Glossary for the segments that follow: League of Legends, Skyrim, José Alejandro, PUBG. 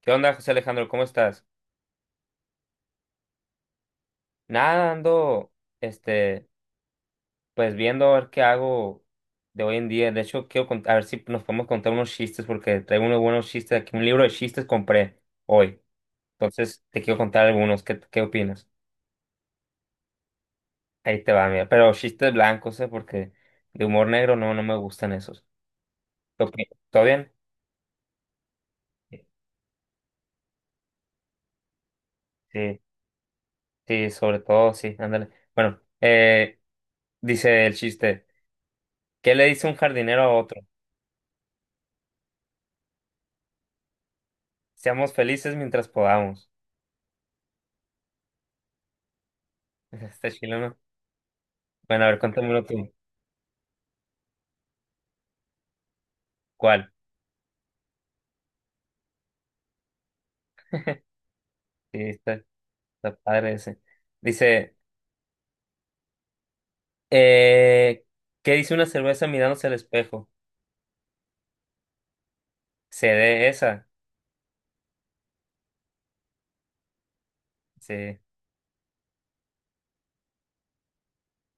¿Qué onda, José Alejandro? ¿Cómo estás? Nada, ando, este, pues viendo a ver qué hago de hoy en día. De hecho, quiero a ver si nos podemos contar unos chistes, porque traigo unos buenos chistes aquí. Un libro de chistes compré hoy. Entonces, te quiero contar algunos. ¿Qué opinas? Ahí te va, mira. Pero chistes blancos, ¿eh? Porque de humor negro no, no me gustan esos. Ok, ¿todo bien? Sí, sí, sobre todo, sí, ándale. Bueno, dice el chiste. ¿Qué le dice un jardinero a otro? Seamos felices mientras podamos. Está chileno. Bueno, a ver, cuéntamelo tú. ¿Cuál? Sí, está, está padre ese. Dice, eh, ¿qué dice una cerveza mirándose al espejo? Se dé esa. Sí.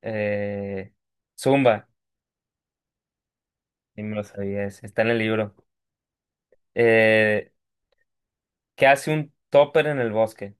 Eh, Zumba. Ni me lo sabía ese. Está en el libro. Eh, ¿Qué hace un topper en el bosque?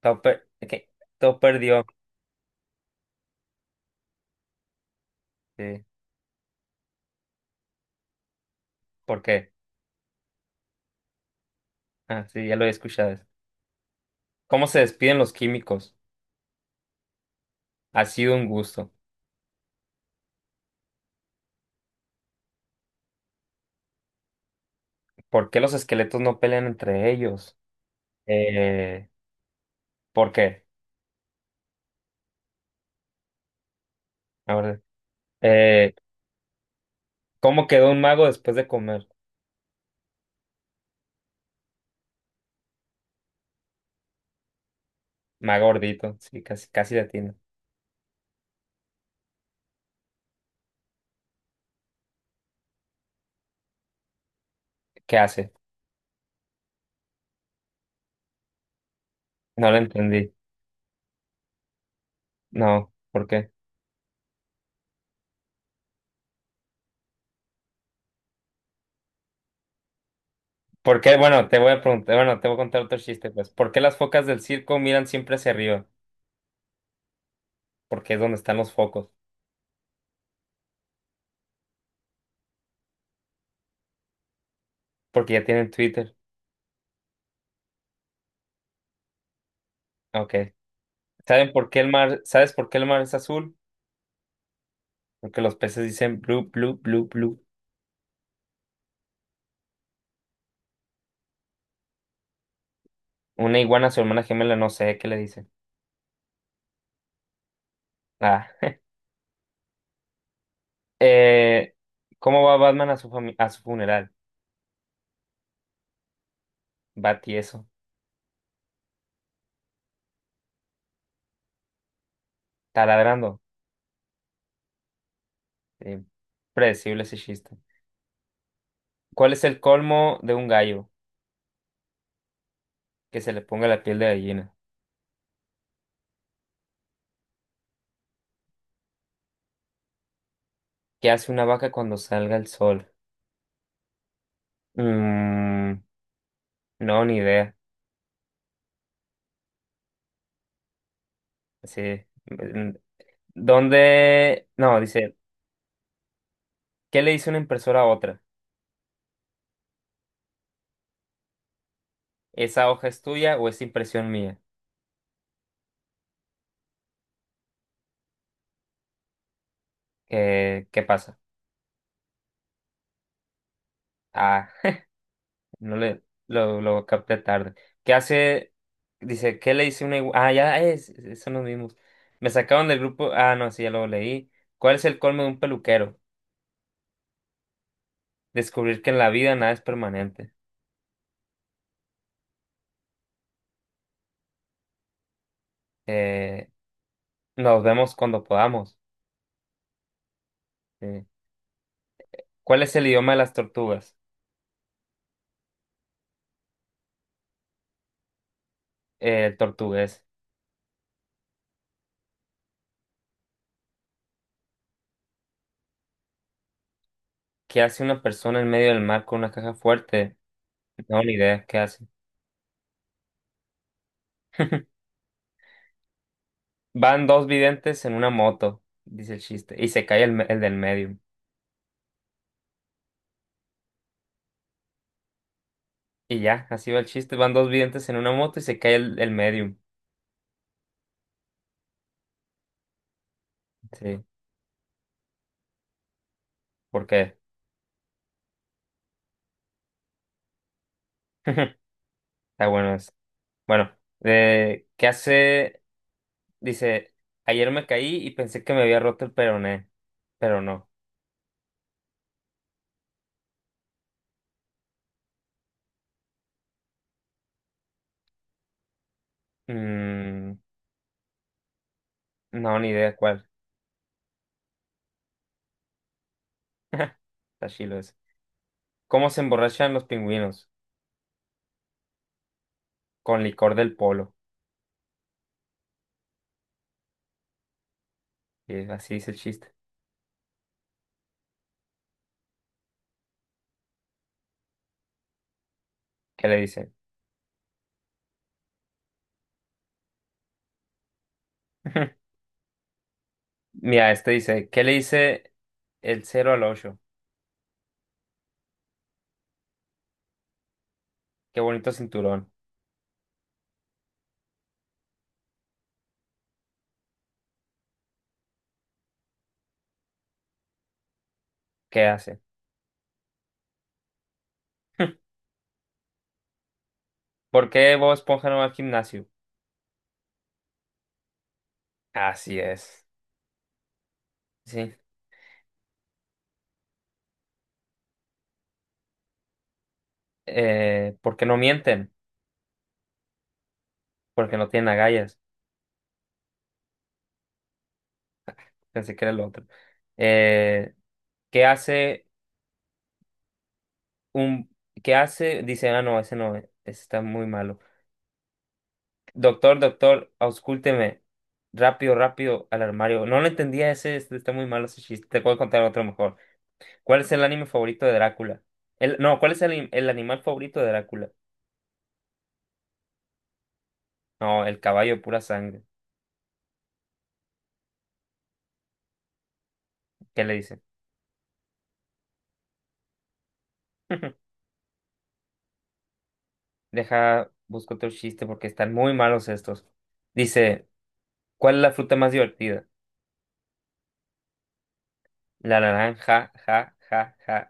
Topper, ¿qué? Topper dio. Sí. ¿Por qué? Ah, sí, ya lo he escuchado eso. ¿Cómo se despiden los químicos? Ha sido un gusto. ¿Por qué los esqueletos no pelean entre ellos? Eh, ¿Por qué? A ver, eh, ¿cómo quedó un mago después de comer? Mago gordito, sí, casi, casi latino. ¿Qué hace? No lo entendí. No, ¿por qué? ¿Por qué? Bueno, te voy a preguntar, bueno, te voy a contar otro chiste, pues. ¿Por qué las focas del circo miran siempre hacia arriba? Porque es donde están los focos. Porque ya tienen Twitter. Ok. ¿Saben por qué el mar, sabes por qué el mar es azul? Porque los peces dicen blue, blue, blue, blue. Una iguana, su hermana gemela, no sé qué le dice. Ah. Eh, ¿Cómo va Batman a su a su funeral? Va tieso. Taladrando. Eh, predecible ese chiste. ¿Cuál es el colmo de un gallo? Que se le ponga la piel de gallina. ¿Qué hace una vaca cuando salga el sol? Mm, no, ni idea. Sí. ¿Dónde? No, dice, ¿qué le dice una impresora a otra? ¿Esa hoja es tuya o es impresión mía? ¿Qué pasa? Ah. No le, lo capté tarde. ¿Qué hace? Dice, ¿qué le hice una igual? Ah, ya, son los mismos. Me sacaron del grupo. Ah, no, sí, ya lo leí. ¿Cuál es el colmo de un peluquero? Descubrir que en la vida nada es permanente. Eh, nos vemos cuando podamos. Eh, ¿Cuál es el idioma de las tortugas? El tortugués. ¿Qué hace una persona en medio del mar con una caja fuerte? No, ni idea, ¿qué hace? Van dos videntes en una moto, dice el chiste, y se cae el, el del medio. Y ya, así va el chiste. Van dos videntes en una moto y se cae el medium. Sí, ¿por qué? Está bueno eso. Bueno, ¿qué hace? Dice, ayer me caí y pensé que me había roto el peroné, pero no. Mm, no, ni idea cuál. Está chilo eso. ¿Cómo se emborrachan los pingüinos? Con licor del polo. Y así dice el chiste. ¿Qué le dice? Mira, este dice, ¿qué le dice el cero al ocho? Qué bonito cinturón. ¿Qué hace? ¿Por qué Bob Esponja no va al gimnasio? Así es. Sí. ¿Por qué no mienten? Porque no tienen agallas. Pensé que era el otro. Eh, ¿Qué hace un... ¿Qué hace? Dice, ah, no, ese no, ese está muy malo. Doctor, doctor, auscúlteme. Rápido, rápido al armario. No lo entendía ese, este está muy malo ese chiste. Te puedo contar otro mejor. ¿Cuál es el anime favorito de Drácula? El, no, ¿cuál es el animal favorito de Drácula? No, el caballo de pura sangre. ¿Qué le dicen? Deja, busco otro chiste porque están muy malos estos. Dice, ¿cuál es la fruta más divertida? La naranja, ja, ja, ja.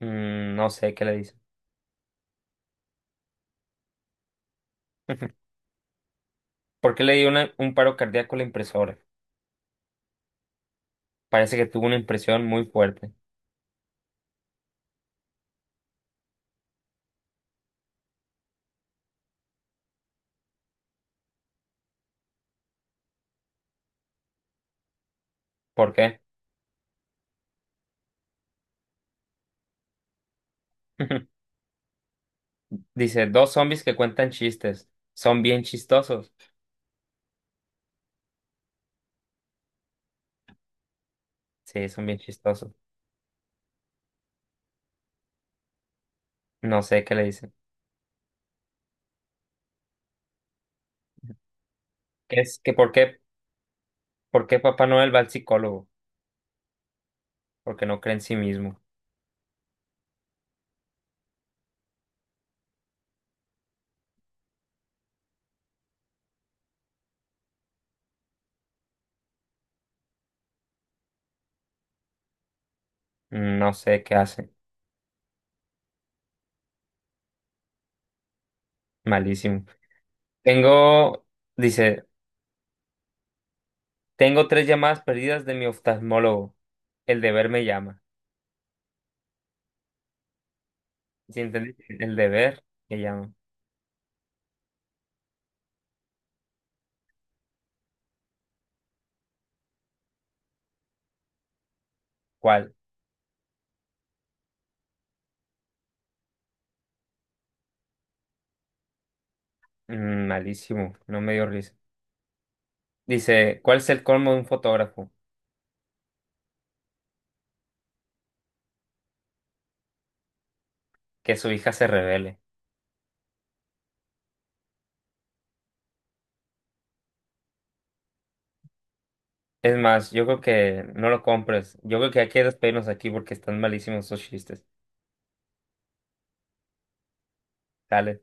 Mm, no sé qué le dice. ¿Por qué le dio un paro cardíaco a la impresora? Parece que tuvo una impresión muy fuerte. ¿Por qué? Dice, dos zombies que cuentan chistes. Son bien chistosos. Sí, son bien chistosos. No sé qué le dicen. ¿Qué es que por qué Papá Noel va al psicólogo? Porque no cree en sí mismo. No sé qué hace. Malísimo. Tengo, dice, tengo tres llamadas perdidas de mi oftalmólogo. El deber me llama. ¿Sí entendiste? El deber me llama. ¿Cuál? Malísimo, no me dio risa. Dice, ¿cuál es el colmo de un fotógrafo? Que su hija se revele. Es más, yo creo que no lo compres. Yo creo que hay que despedirnos aquí porque están malísimos esos chistes. Dale.